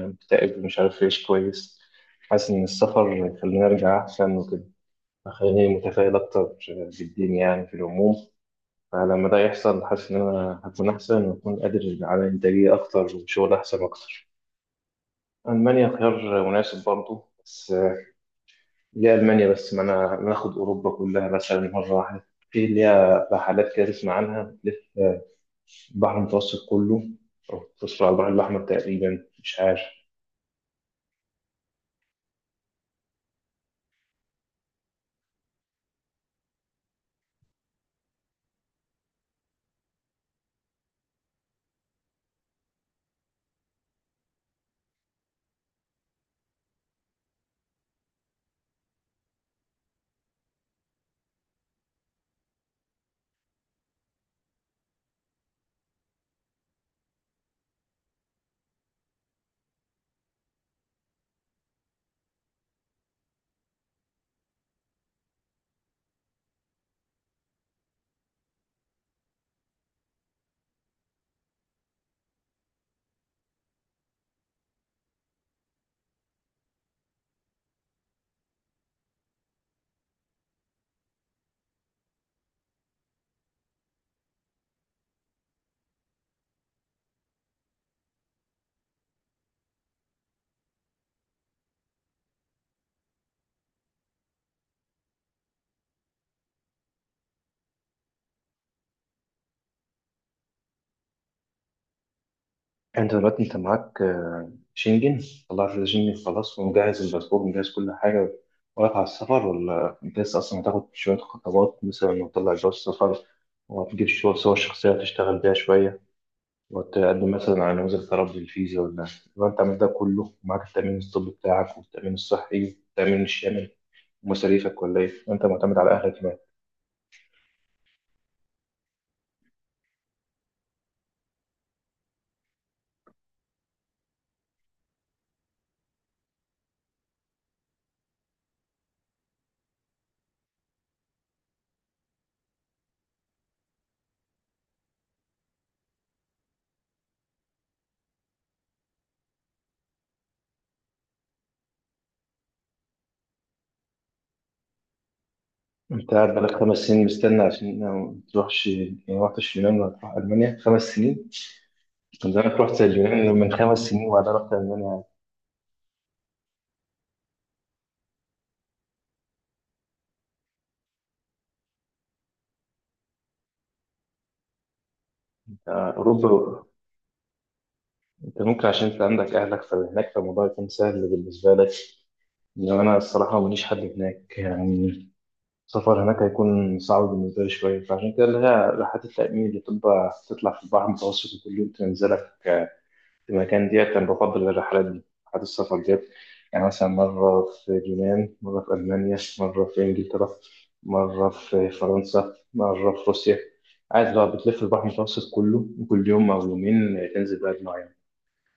مكتئب، مش عارف أعيش كويس. حاسس إن السفر خليني أرجع أحسن وكده، خليني متفائل أكتر بالدين يعني في العموم. فلما ده يحصل حاسس إن أنا هكون أحسن وأكون قادر على إنتاجية أكتر وشغل أحسن أكتر. ألمانيا خيار مناسب برضه، بس ليه ألمانيا بس؟ ما أنا ما آخد أوروبا كلها مثلا مرة واحدة، في ليها رحلات كده تسمع عنها تلف البحر المتوسط كله، أو تصل على البحر الأحمر تقريبا، مش عارف. انت دلوقتي معاك شنجن؟ طلعت الشنجن خلاص ومجهز الباسبور ومجهز كل حاجة، واقف على السفر؟ ولا انت لسه اصلا هتاخد شوية خطوات مثلا وتطلع جواز السفر، وهتجيب صور شخصية تشتغل بيها شوية، وتقدم مثلا على نموذج تربي الفيزا؟ ولا لو انت عملت ده كله ومعاك التأمين الطبي بتاعك والتأمين الصحي والتأمين الشامل ومصاريفك، ولا ايه، انت معتمد على اهلك كمان؟ انت قاعد بقالك 5 سنين مستني عشان ما تروحش؟ يعني ما رحتش اليونان ولا تروح ألمانيا 5 سنين؟ من زمان رحت اليونان من 5 سنين وبعدها رحت ألمانيا. أنت أوروبا، أنت ممكن عشان أنت عندك أهلك فهناك فالموضوع يكون سهل بالنسبة لك، إنما أنا الصراحة ماليش حد هناك يعني. السفر هناك هيكون صعب بالنسبة لي شوية، فعشان كده اللي هي رحلات التأمين اللي بتبقى تطلع في البحر المتوسط وكل يوم تنزلك المكان ديت، أنا بفضل الرحلات دي، رحلات السفر ديت. يعني مثلا مرة في اليونان، مرة في ألمانيا، مرة في إنجلترا، مرة في فرنسا، مرة في روسيا. قاعد بقى بتلف البحر المتوسط كله وكل يوم أو يومين تنزل بلد معينة،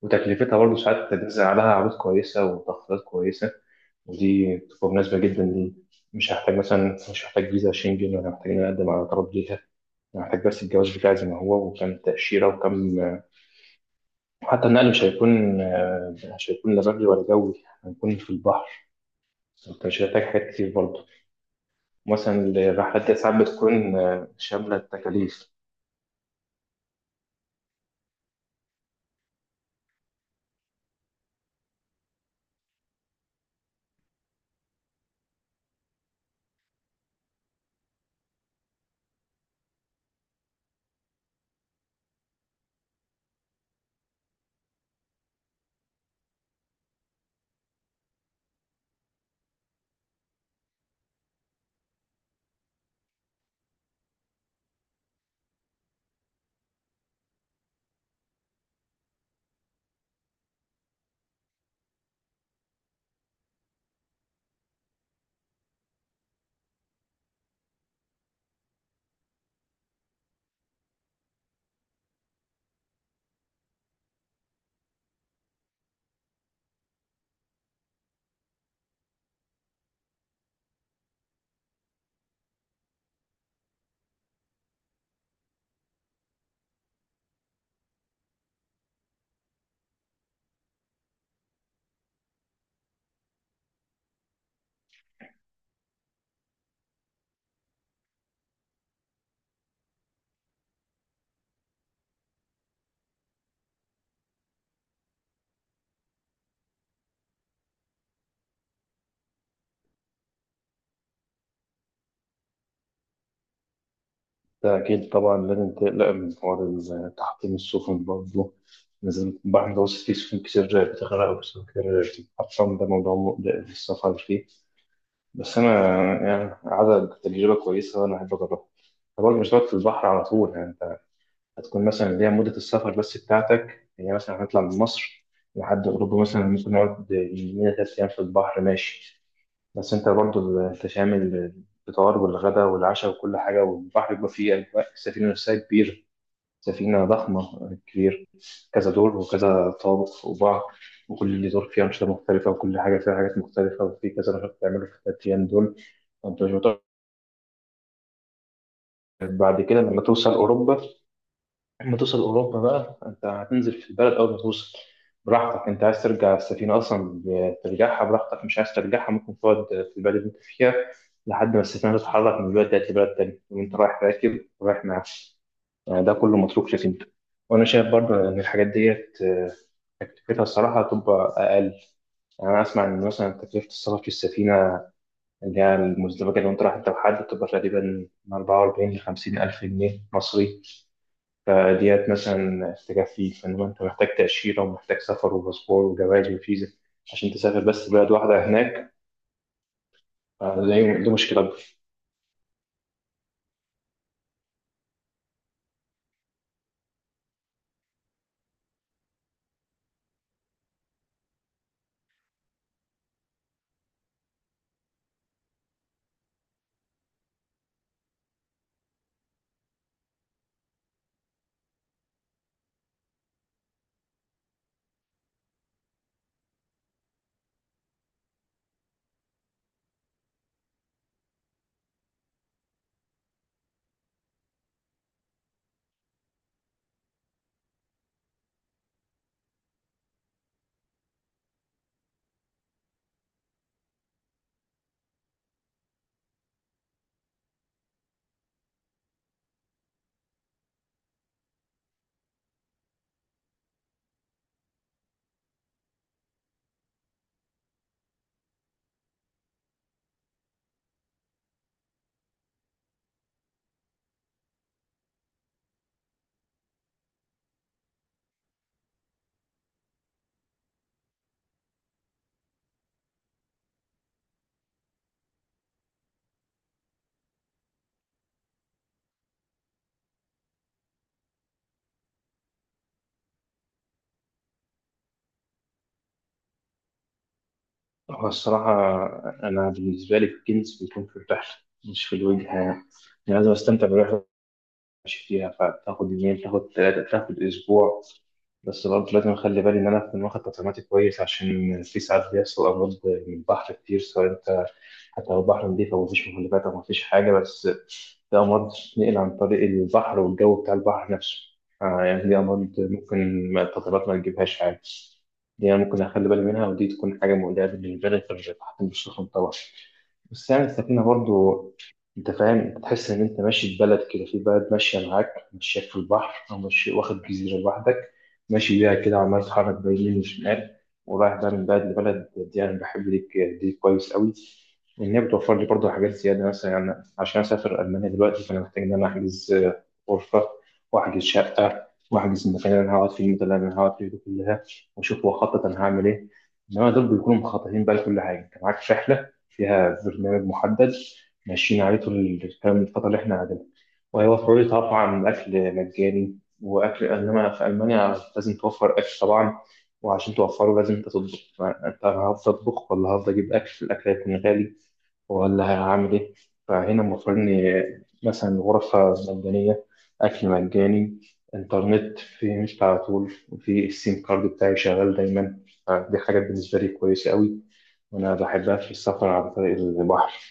وتكلفتها برضه ساعات بتنزل عليها عروض كويسة وتخفيضات كويسة. ودي بتبقى مناسبة جدا لي. مش هحتاج فيزا شنجن، ولا محتاجين أقدم على طلب ليها. أنا محتاج بس الجواز بتاعي زي ما هو وكم تأشيرة وكم. وحتى النقل مش هيكون لا بري ولا جوي، هنكون في البحر. انت مش هتحتاج حاجات كتير برضه. مثلا الرحلات دي ساعات بتكون شاملة التكاليف. ده أكيد طبعا لازم تقلق من حوار تحطيم السفن برضه، لازم، البحر المتوسط فيه سفن كتير بتغرق وسفن كتير بتتحطم، ده موضوع مقلق في السفر فيه. بس أنا يعني عدد تجربة كويسة وأنا أحب أجربها. طبعا مش هتقعد في البحر على طول يعني، هتكون مثلا اللي هي مدة السفر بس بتاعتك هي مثلا، هنطلع من مصر لحد أوروبا مثلا، ممكن نقعد يومين 3 أيام في البحر، ماشي، بس أنت برضو أنت شامل الفطار والغدا والعشاء وكل حاجة، والبحر بيبقى فيه أجواء السفينة نفسها كبيرة، سفينة ضخمة كبير، كذا دور وكذا طابق فوق بعض، وكل دور فيه أنشطة مختلفة وكل حاجة فيها حاجات مختلفة، وفي كذا نشاط بتعمله في الـ3 أيام دول، فأنت مش متوقع. بعد كده لما توصل أوروبا، بقى أنت هتنزل في البلد أول ما توصل، براحتك. أنت عايز ترجع السفينة أصلا، ترجعها براحتك، مش عايز ترجعها ممكن تقعد في البلد اللي أنت فيها لحد ما السفينة تتحرك من البلد ديت لبلد تاني، وأنت رايح راكب ورايح معاك. يعني ده كله متروك لك أنت. وأنا شايف برضه إن الحاجات ديت تكلفتها الصراحة هتبقى أقل. يعني أنا أسمع إن مثلا تكلفة السفر في السفينة اللي هي المزدوجة، اللي أنت رايح أنت وحد، بتبقى تقريبا من 44 ل 50 ألف جنيه مصري، فديت مثلا تكفي. فإنما أنت محتاج تأشيرة ومحتاج سفر وباسبور وجواز وفيزا عشان تسافر بس بلد واحدة هناك، فدي مشكلة أكبر. هو الصراحة أنا بالنسبة لي الكنز بيكون في الرحلة مش في الوجهة يعني، أنا لازم أستمتع بالرحلة، ماشي فيها، فتاخد يومين تاخد ثلاثة تاخد أسبوع، بس برضه لازم أخلي بالي إن أنا أكون واخد تطعيماتي كويس، عشان في ساعات بيحصل أمراض من البحر كتير سواء أنت، حتى لو البحر نضيف أو مفيش مخلفات أو مفيش حاجة، بس في أمراض بتتنقل عن طريق البحر والجو بتاع البحر نفسه. يعني دي أمراض ممكن التطعيمات ما تجيبهاش عادي. دي أنا ممكن أخلي بالي منها، ودي تكون حاجة مقلقة بالنسبة لي في تحت السخن طبعا. بس يعني السفينة برضو، أنت فاهم، أنت تحس إن أنت ماشي في بلد كده، في بلد ماشية معاك ماشياك في البحر، أو ماشي واخد جزيرة لوحدك ماشي بيها كده، وعمال تتحرك بين يمين وشمال ورايح بقى من بلد لبلد، دي أنا بحب دي كويس قوي. إن هي بتوفر لي برضو حاجات زيادة مثلا، يعني عشان أسافر ألمانيا دلوقتي فأنا محتاج إن أنا أحجز غرفة، وأحجز شقة، وأحجز المكان اللي أنا هقعد فيه، المدة اللي أنا هقعد فيه دي كلها، واشوف هو خطط انا هعمل ايه. انما دول بيكونوا مخططين بقى لكل حاجه، انت معاك رحله فيها برنامج محدد ماشيين عليه طول الكلام الفتره اللي احنا قاعدين، وهيوفروا لي طبعا اكل مجاني واكل، انما في المانيا لازم توفر اكل طبعا، وعشان توفره لازم انت تطبخ، فانت هفضل اطبخ؟ ولا هفضل اجيب اكل؟ الاكل هيكون غالي، ولا هعمل إيه؟ فهنا المفروض إن مثلا غرفة مجانية، أكل مجاني، إنترنت في مش على طول، وفي السيم كارد بتاعي شغال دايما. فدي حاجات بالنسبة لي كويسة أوي وأنا بحبها في السفر عن طريق البحر.